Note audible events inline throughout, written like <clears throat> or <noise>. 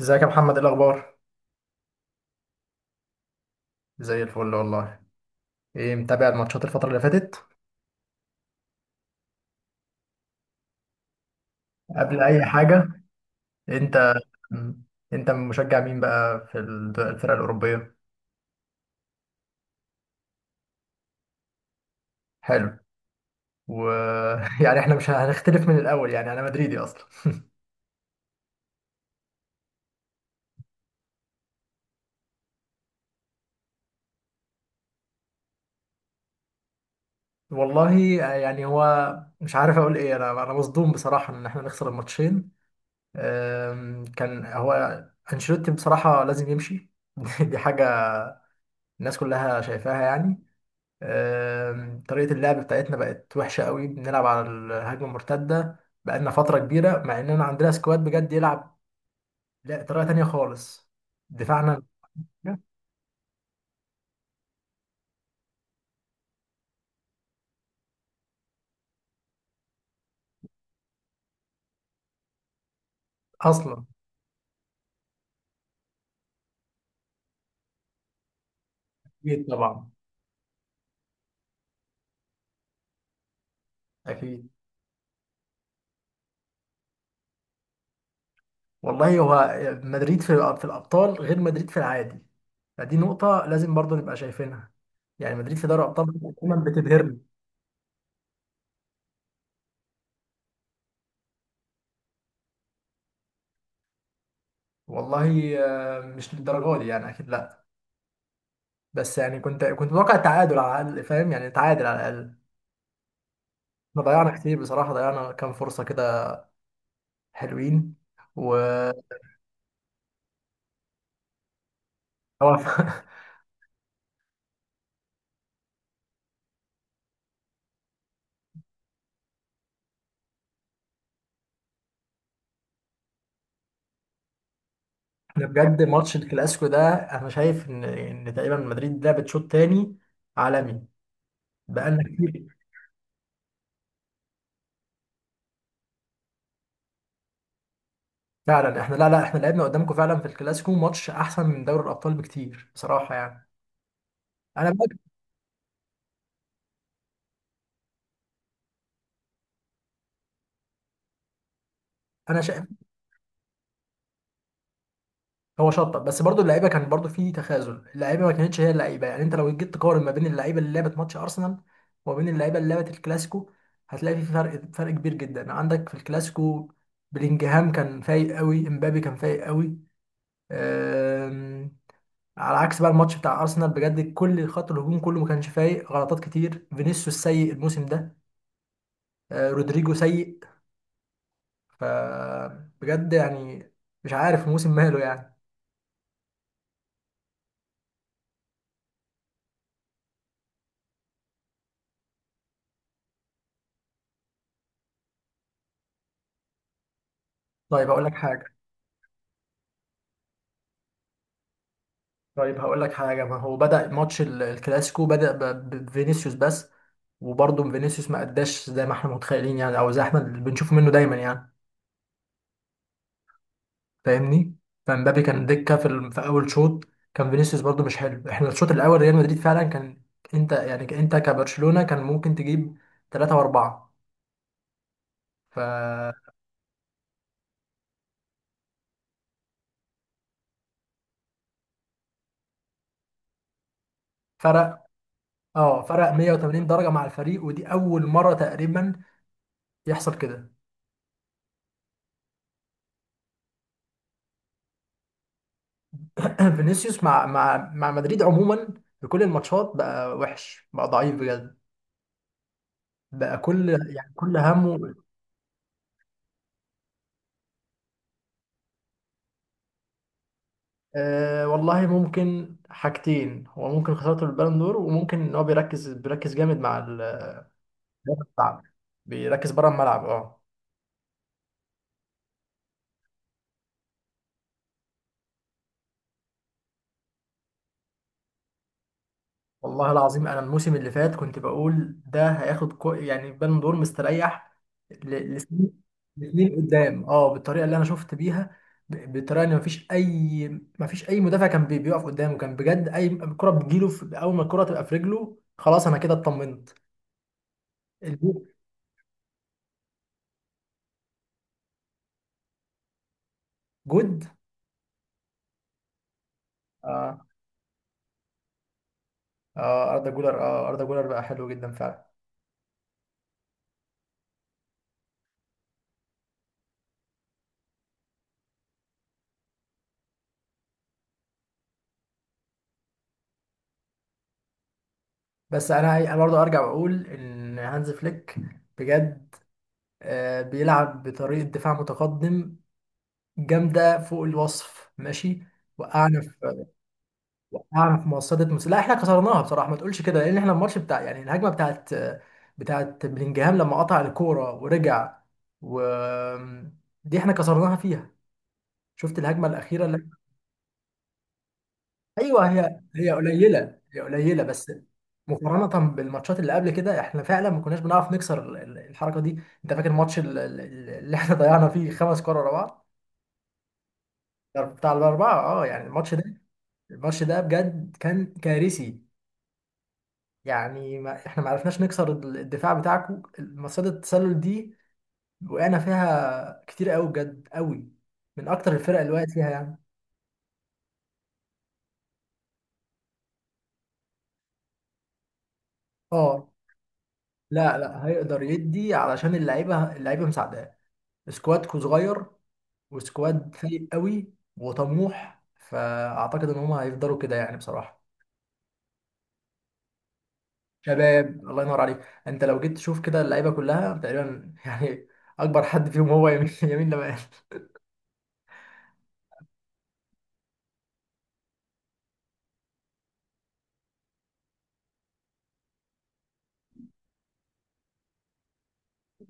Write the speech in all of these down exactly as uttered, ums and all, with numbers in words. ازيك يا محمد، ايه الاخبار؟ زي الفل والله. ايه متابع الماتشات الفتره اللي فاتت؟ قبل اي حاجه، انت انت مشجع مين بقى في ال- الفرق الاوروبيه؟ حلو. ويعني <laughs> احنا مش هنختلف من الاول، يعني انا مدريدي اصلا. والله، يعني هو مش عارف اقول ايه، انا انا مصدوم بصراحه ان احنا نخسر الماتشين. أم، كان هو انشيلوتي بصراحه لازم يمشي. <laughs> دي حاجه الناس كلها شايفاها يعني. آم، طريقة اللعب بتاعتنا بقت وحشة قوي، بنلعب على الهجمة المرتدة بقالنا فترة كبيرة مع إننا عندنا سكواد بجد يلعب. لا، طريقة تانية خالص. دفاعنا أصلا. أكيد طبعا. أكيد. والله هو مدريد في في الأبطال غير مدريد في العادي. فدي نقطة لازم برضو نبقى شايفينها، يعني مدريد في دوري الأبطال دايما بتبهرني. والله، آه، مش للدرجة دي يعني، أكيد لا. بس يعني كنت كنت متوقع التعادل على الأقل، فاهم يعني، تعادل على الأقل. احنا ضيعنا كتير بصراحة، ضيعنا كام فرصة كده حلوين. و هو <laughs> احنا بجد ماتش الكلاسيكو ده انا شايف ان ان تقريبا مدريد لعبت شوط تاني عالمي بقالنا كتير. فعلا احنا، لا لا، احنا لعبنا قدامكم فعلا في الكلاسيكو ماتش احسن من دوري الابطال بكتير بصراحة يعني. انا بقى. انا شا... هو شطب، بس برضو اللعيبه كان برضو في تخاذل، اللعيبه ما كانتش هي اللعيبه. يعني انت لو جيت تقارن ما بين اللعيبه اللي لعبت ماتش ارسنال وما بين اللعيبه اللي لعبت الكلاسيكو هتلاقي في فرق فرق كبير جدا عندك في الكلاسيكو. بلينجهام كان فايق قوي، امبابي كان فايق قوي. أم، على عكس بقى الماتش بتاع ارسنال بجد، كل خط الهجوم كله ما كانش فايق، غلطات كتير، فينيسيوس سيء الموسم ده. أه، رودريجو سيء. فبجد يعني مش عارف الموسم ماله يعني. طيب اقول لك حاجه، طيب هقول لك حاجة. ما هو بدأ ماتش ال- الكلاسيكو بدأ ب- ب- بفينيسيوس بس. وبرضه فينيسيوس ما أداش زي ما احنا متخيلين يعني، أو زي احنا اللي بنشوفه منه دايما يعني، فاهمني. فمبابي كان دكة في, ال- في أول شوط. كان فينيسيوس برضه مش حلو، احنا الشوط الأول ريال مدريد فعلا كان. أنت يعني أنت كبرشلونة كان ممكن تجيب ثلاثة وأربعة. ففرق. اه، فرق مية وتمانين درجة مع الفريق، ودي أول مرة تقريبا يحصل كده. <clears throat> فينيسيوس مع مع مع مدريد عموما في كل الماتشات بقى وحش، بقى ضعيف بجد. بقى كل، يعني كل همه. آه والله ممكن حاجتين، هو ممكن خسارته البالون دور، وممكن ان هو بيركز بيركز جامد مع ال- بره الملعب. بيركز بره الملعب، اه. والله العظيم انا الموسم اللي فات كنت بقول ده هياخد كو، يعني بالون دور مستريح ل- لسنين. لسنين قدام، اه، بالطريقه اللي انا شفت بيها، ب- بالطريقه ان مفيش اي مفيش اي مدافع كان بي- بيقف قدامه. كان بجد اي كره بتجيله، في اول ما الكره تبقى في رجله خلاص انا كده اطمنت. الجو- جود. اه اه، اردا جولر اه اردا جولر بقى حلو جدا فعلا. بس انا انا برضه ارجع بقول ان هانز فليك بجد آه، بيلعب بطريقة دفاع متقدم جامده فوق الوصف، ماشي. وقعنا في وقعنا في مصيده مس... لا احنا كسرناها بصراحه، ما تقولش كده، لان احنا الماتش بتاع، يعني الهجمه بتاعت بتاعت بلينجهام لما قطع الكوره ورجع. و دي احنا كسرناها فيها. شفت الهجمه الاخيره اللي... <laughs> ايوه، هي هي قليله هي قليله بس. مقارنه بالماتشات اللي قبل كده احنا فعلا ما كناش بنعرف نكسر ال- ال- الحركه دي. انت فاكر الماتش ال- ال- اللي احنا ضيعنا فيه خمس كور ورا بعض، بتاع الاربعه، اه. يعني الماتش ده الماتش ده بجد كان كارثي. يعني ما احنا ما عرفناش نكسر ال- الدفاع بتاعكم، مصيدة التسلل دي وقعنا فيها كتير قوي، بجد قوي، من اكتر الفرق اللي وقعت فيها يعني. اه، لا لا، هيقدر يدي، علشان اللعيبه اللعيبه مساعداه. سكوادكو صغير، وسكواد فايق قوي وطموح، فاعتقد ان هم هيفضلوا كده يعني بصراحه. شباب الله ينور عليك. انت لو جيت تشوف كده اللعيبه كلها تقريبا يعني، اكبر حد فيهم هو يمين <laughs> يمين.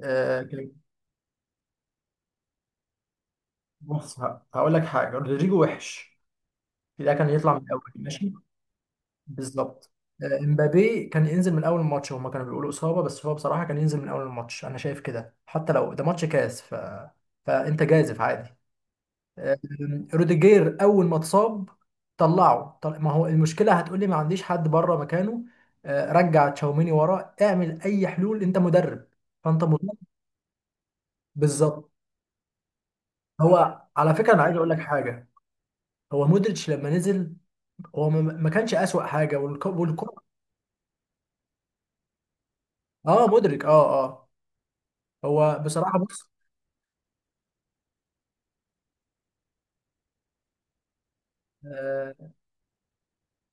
لمال. بص، ه- هقول لك حاجه، رودريجو وحش، ده كان يطلع من الاول، ماشي. بالظبط. آه، امبابي كان ينزل من اول الماتش، هما كانوا بيقولوا اصابه، بس هو بصراحه كان ينزل من اول الماتش، انا شايف كده، حتى لو ده ماتش كاس. ف... فانت جازف عادي. آه، روديجير اول ما اتصاب طلعه، طل... ما هو المشكله هتقولي ما عنديش حد بره مكانه. آه، رجع تشاوميني وراه، اعمل اي حلول، انت مدرب، فانت مدرب، بالظبط. هو على فكره انا عايز اقول لك حاجه، هو مودريتش لما نزل هو ما ما كانش أسوأ حاجة والك- والكرة، اه، مدرك، اه اه. هو بصراحة بص آه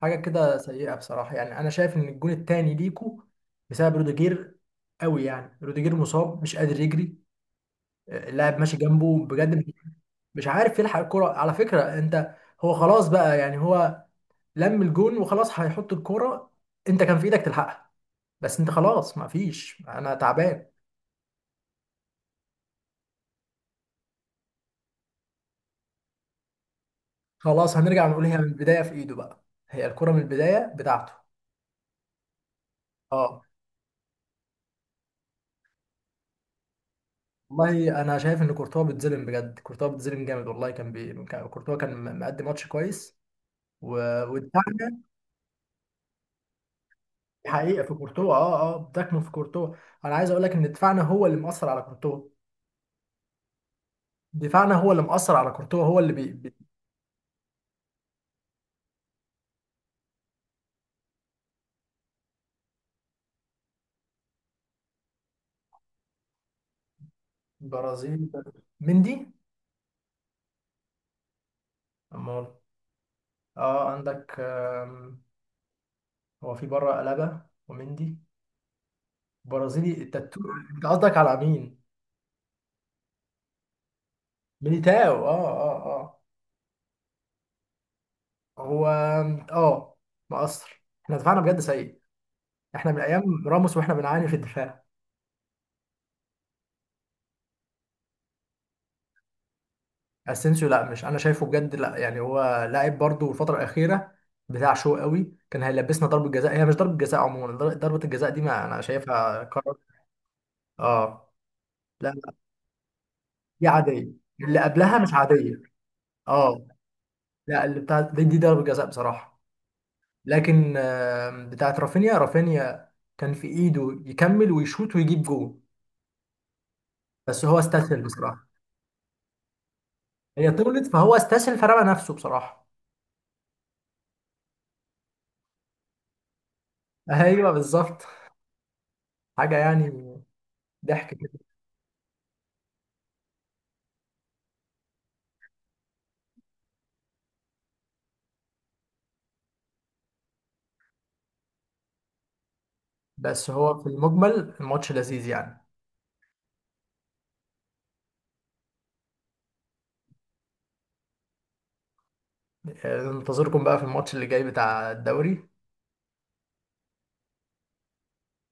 حاجة كده سيئة بصراحة، يعني أنا شايف إن الجون التاني ليكو بسبب روديجير قوي. يعني روديجير مصاب مش قادر يجري. آه، اللاعب ماشي جنبه بجد، مش مش عارف يلحق الكرة، على فكرة أنت. هو خلاص بقى يعني، هو لم الجون وخلاص هيحط الكرة، أنت كان في إيدك تلحقها، بس أنت خلاص ما فيش، أنا تعبان. خلاص هنرجع نقول هي من البداية في إيده بقى، هي الكرة من البداية بتاعته. اه، والله انا شايف ان كورتوا بيتظلم بجد، كورتوا بيتظلم جامد والله. كان بي... كان- كورتوا كان م- مقدم ماتش كويس و... ودفاعنا. حقيقه في كورتوا، اه اه، بتكمن في كورتوا. انا عايز اقول لك ان دفاعنا هو اللي مأثر على كورتوا، دفاعنا هو اللي مأثر على كورتوا، هو اللي بي... بي... برازيل، مندي. امال؟ اه، عندك. آم، هو في بره ألابا ومندي. برازيلي التاتو. انت قصدك على مين؟ ميليتاو، اه اه اه. هو، اه، مقصر، احنا دفاعنا بجد سيء، احنا من ايام راموس واحنا بنعاني في الدفاع. اسينسيو، لا، مش انا شايفه بجد، لا يعني هو لاعب برضه الفتره الاخيره بتاع شو قوي. كان هيلبسنا ضربه جزاء، هي مش ضربه جزاء عموما، ضر- ضربه الجزاء دي ما انا شايفها قرار. اه. لا لا، دي عاديه، اللي قبلها مش عاديه. اه لا، اللي بتاع دي, دي ضربه جزاء بصراحه. لكن آم، بتاعت رافينيا رافينيا كان في ايده يكمل ويشوط ويجيب جول، بس هو استسهل بصراحه. هي طولت فهو استسهل فرمى نفسه بصراحه. <laughs> ايوه بالظبط. حاجه يعني ضحك كده. بس هو في المجمل الماتش لذيذ يعني. آه، ننتظركم بقى في الماتش اللي جاي بتاع الدوري.